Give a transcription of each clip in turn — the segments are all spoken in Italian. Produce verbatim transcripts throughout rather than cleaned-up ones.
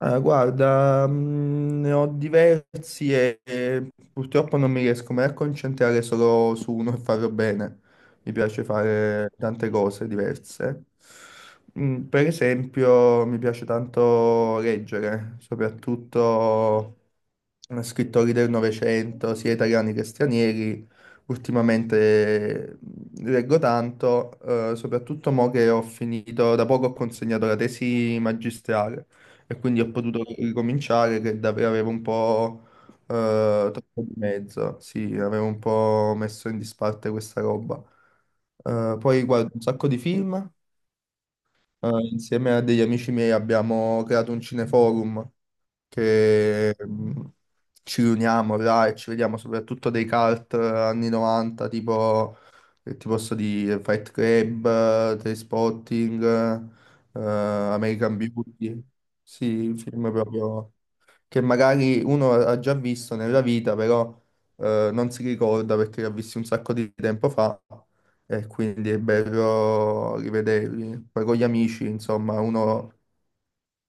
Ah, guarda, mm, ne ho diversi e, e purtroppo non mi riesco mai a concentrare solo su uno e farlo bene. Mi piace fare tante cose diverse. Mm, per esempio, mi piace tanto leggere, soprattutto eh, scrittori del Novecento, sia italiani che stranieri. Ultimamente mm, leggo tanto, eh, soprattutto mo che ho finito, da poco ho consegnato la tesi magistrale e quindi ho potuto ricominciare che davvero avevo un po' eh, troppo di mezzo, sì, avevo un po' messo in disparte questa roba. Eh, poi guardo un sacco di film, eh, insieme a degli amici miei abbiamo creato un cineforum che mm, ci riuniamo là e ci vediamo soprattutto dei cult eh, anni novanta, tipo, che ti posso dire, Fight Club, eh, Trainspotting, eh, eh, American Beauty. Sì, film proprio che magari uno ha già visto nella vita, però eh, non si ricorda perché li ha visti un sacco di tempo fa e quindi è bello rivederli. Poi con gli amici, insomma, uno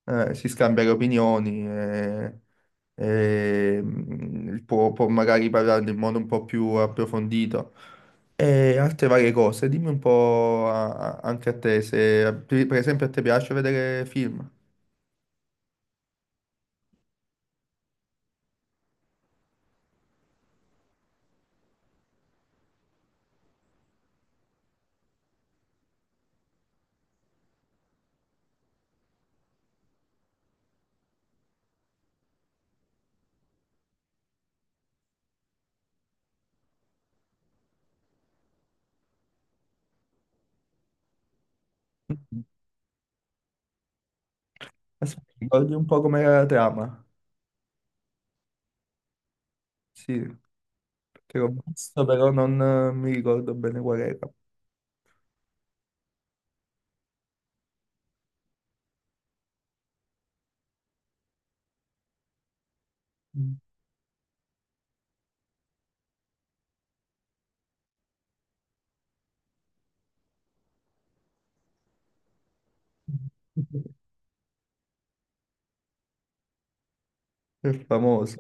eh, si scambia le opinioni e, e, mm, può, può magari parlarne in modo un po' più approfondito. E altre varie cose, dimmi un po' a- a- anche a te, se per esempio a te piace vedere film. Aspetta, ricordi un po' com'era la trama? Sì. Che l'ho visto, però non eh, mi ricordo bene qual era. Mm. È famoso.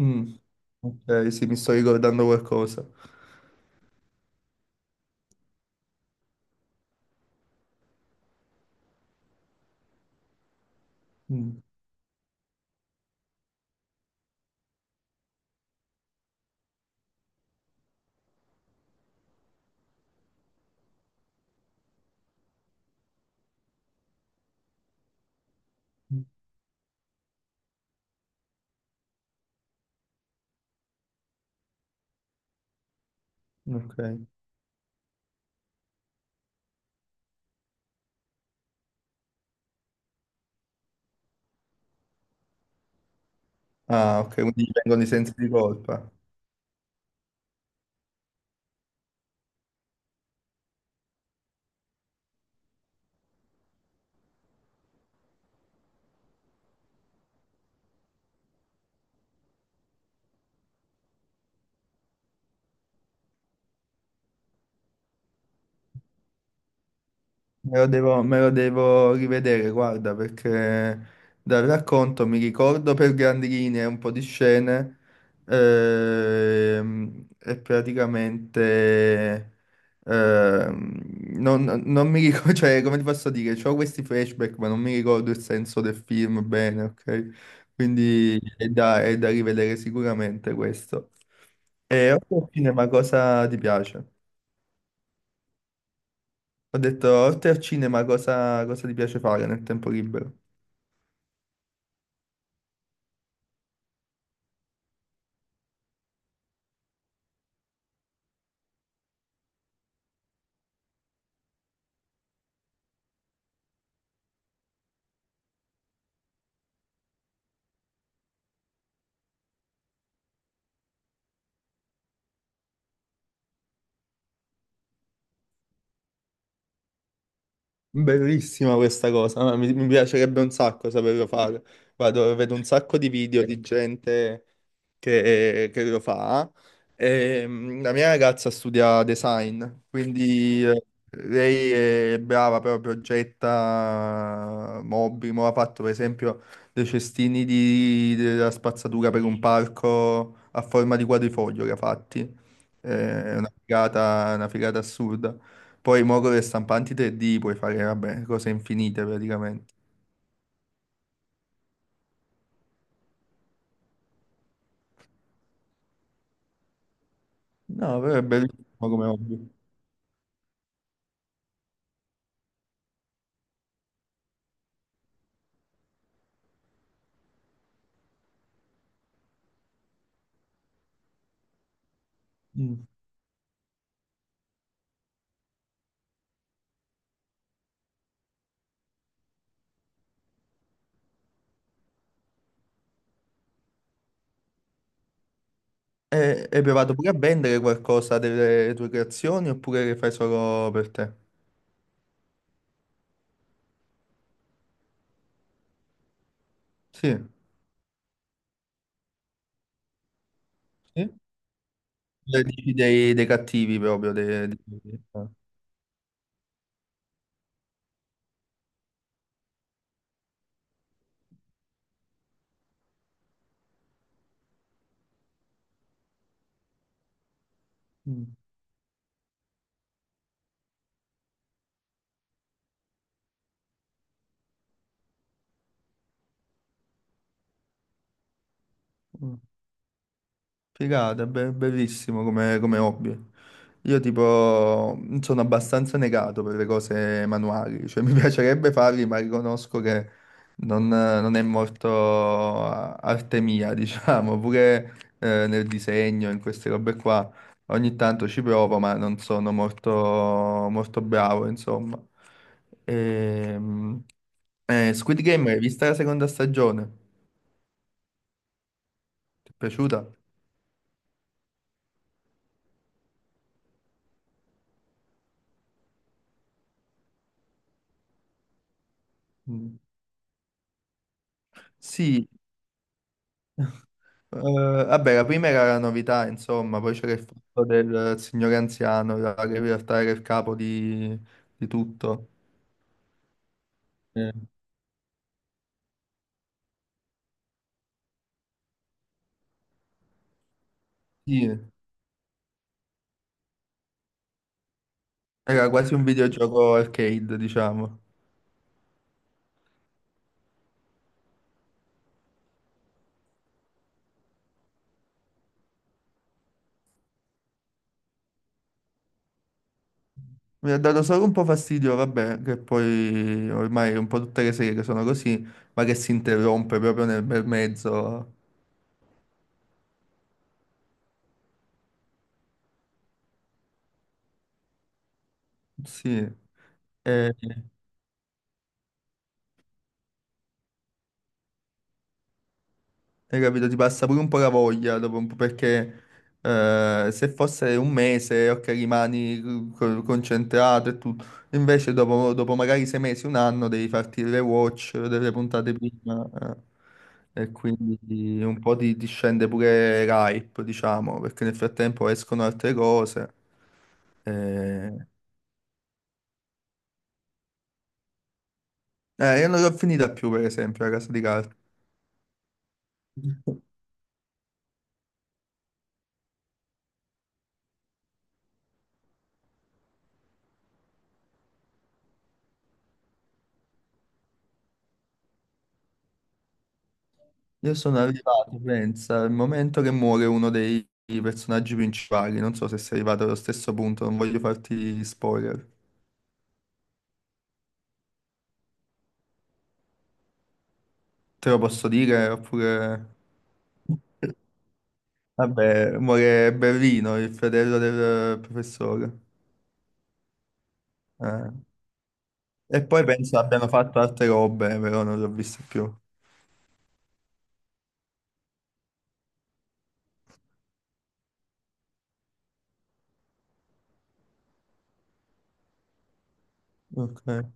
Mm. Ok, sì, mi sto ricordando qualcosa. Mm. Ok. Ah, ok, quindi gli vengono i sensi di colpa. Me lo devo, me lo devo rivedere, guarda, perché dal racconto mi ricordo per grandi linee un po' di scene ehm, e praticamente. Ehm, non, non mi ricordo, cioè, come ti posso dire, ho questi flashback, ma non mi ricordo il senso del film bene, ok? Quindi è da, è da rivedere sicuramente questo. E oltre al cinema, cosa ti piace? Ho detto, oltre al cinema, cosa, cosa ti piace fare nel tempo libero? Bellissima questa cosa, ma mi, mi piacerebbe un sacco saperlo fare. Vado, vedo un sacco di video di gente che, che lo fa. E, mm, la mia ragazza studia design, quindi eh, lei è brava, però progetta mobili. Mo ha fatto per esempio dei cestini di- della spazzatura per un parco a forma di quadrifoglio che ha fatti. Eh, È una figata, una figata assurda. Poi muovo le stampanti tre D, puoi fare, vabbè, cose infinite praticamente. No, però è bellissimo come hobby. Mm. E, hai provato pure a vendere qualcosa delle tue creazioni oppure le fai solo per te? Sì. Sì? Le dici dei, dei cattivi proprio. dei- dei- Mm. Mm. Figata, be- bellissimo come, come hobby. Io tipo sono abbastanza negato per le cose manuali, cioè mi piacerebbe farli, ma riconosco che non, non è molto a- arte mia, diciamo, pure eh, nel disegno, in queste robe qua. Ogni tanto ci provo, ma non sono molto, molto bravo, insomma. Ehm, eh, Squid Game, hai visto la seconda stagione? Ti è piaciuta? Mm. Sì. Eh, vabbè, la prima era la novità, insomma, poi c'era il fatto del signore anziano, là, che in realtà era il capo di, di, tutto. Eh, sì, era quasi un videogioco arcade, diciamo. Mi ha dato solo un po' fastidio, vabbè, che poi ormai un po' tutte le serie sono così, ma che si interrompe proprio nel bel mezzo. Sì. Eh, Hai capito? Ti passa pure un po' la voglia dopo un po' perché eh, se fosse un mese, ok, rimani co- concentrato e tutto. Invece dopo, dopo magari sei mesi, un anno, devi farti le watch delle puntate prima. Eh. E quindi un po' ti, ti scende pure l'hype, diciamo, perché nel frattempo escono altre cose. Eh, eh, io non l'ho finita più, per esempio, la casa di carta. Io sono arrivato, pensa, al momento che muore uno dei personaggi principali. Non so se sei arrivato allo stesso punto, non voglio farti spoiler. Te lo posso dire, oppure... Vabbè, muore Berlino, il fratello del professore. Eh. E poi penso abbiano fatto altre robe, però non l'ho visto più. Ok.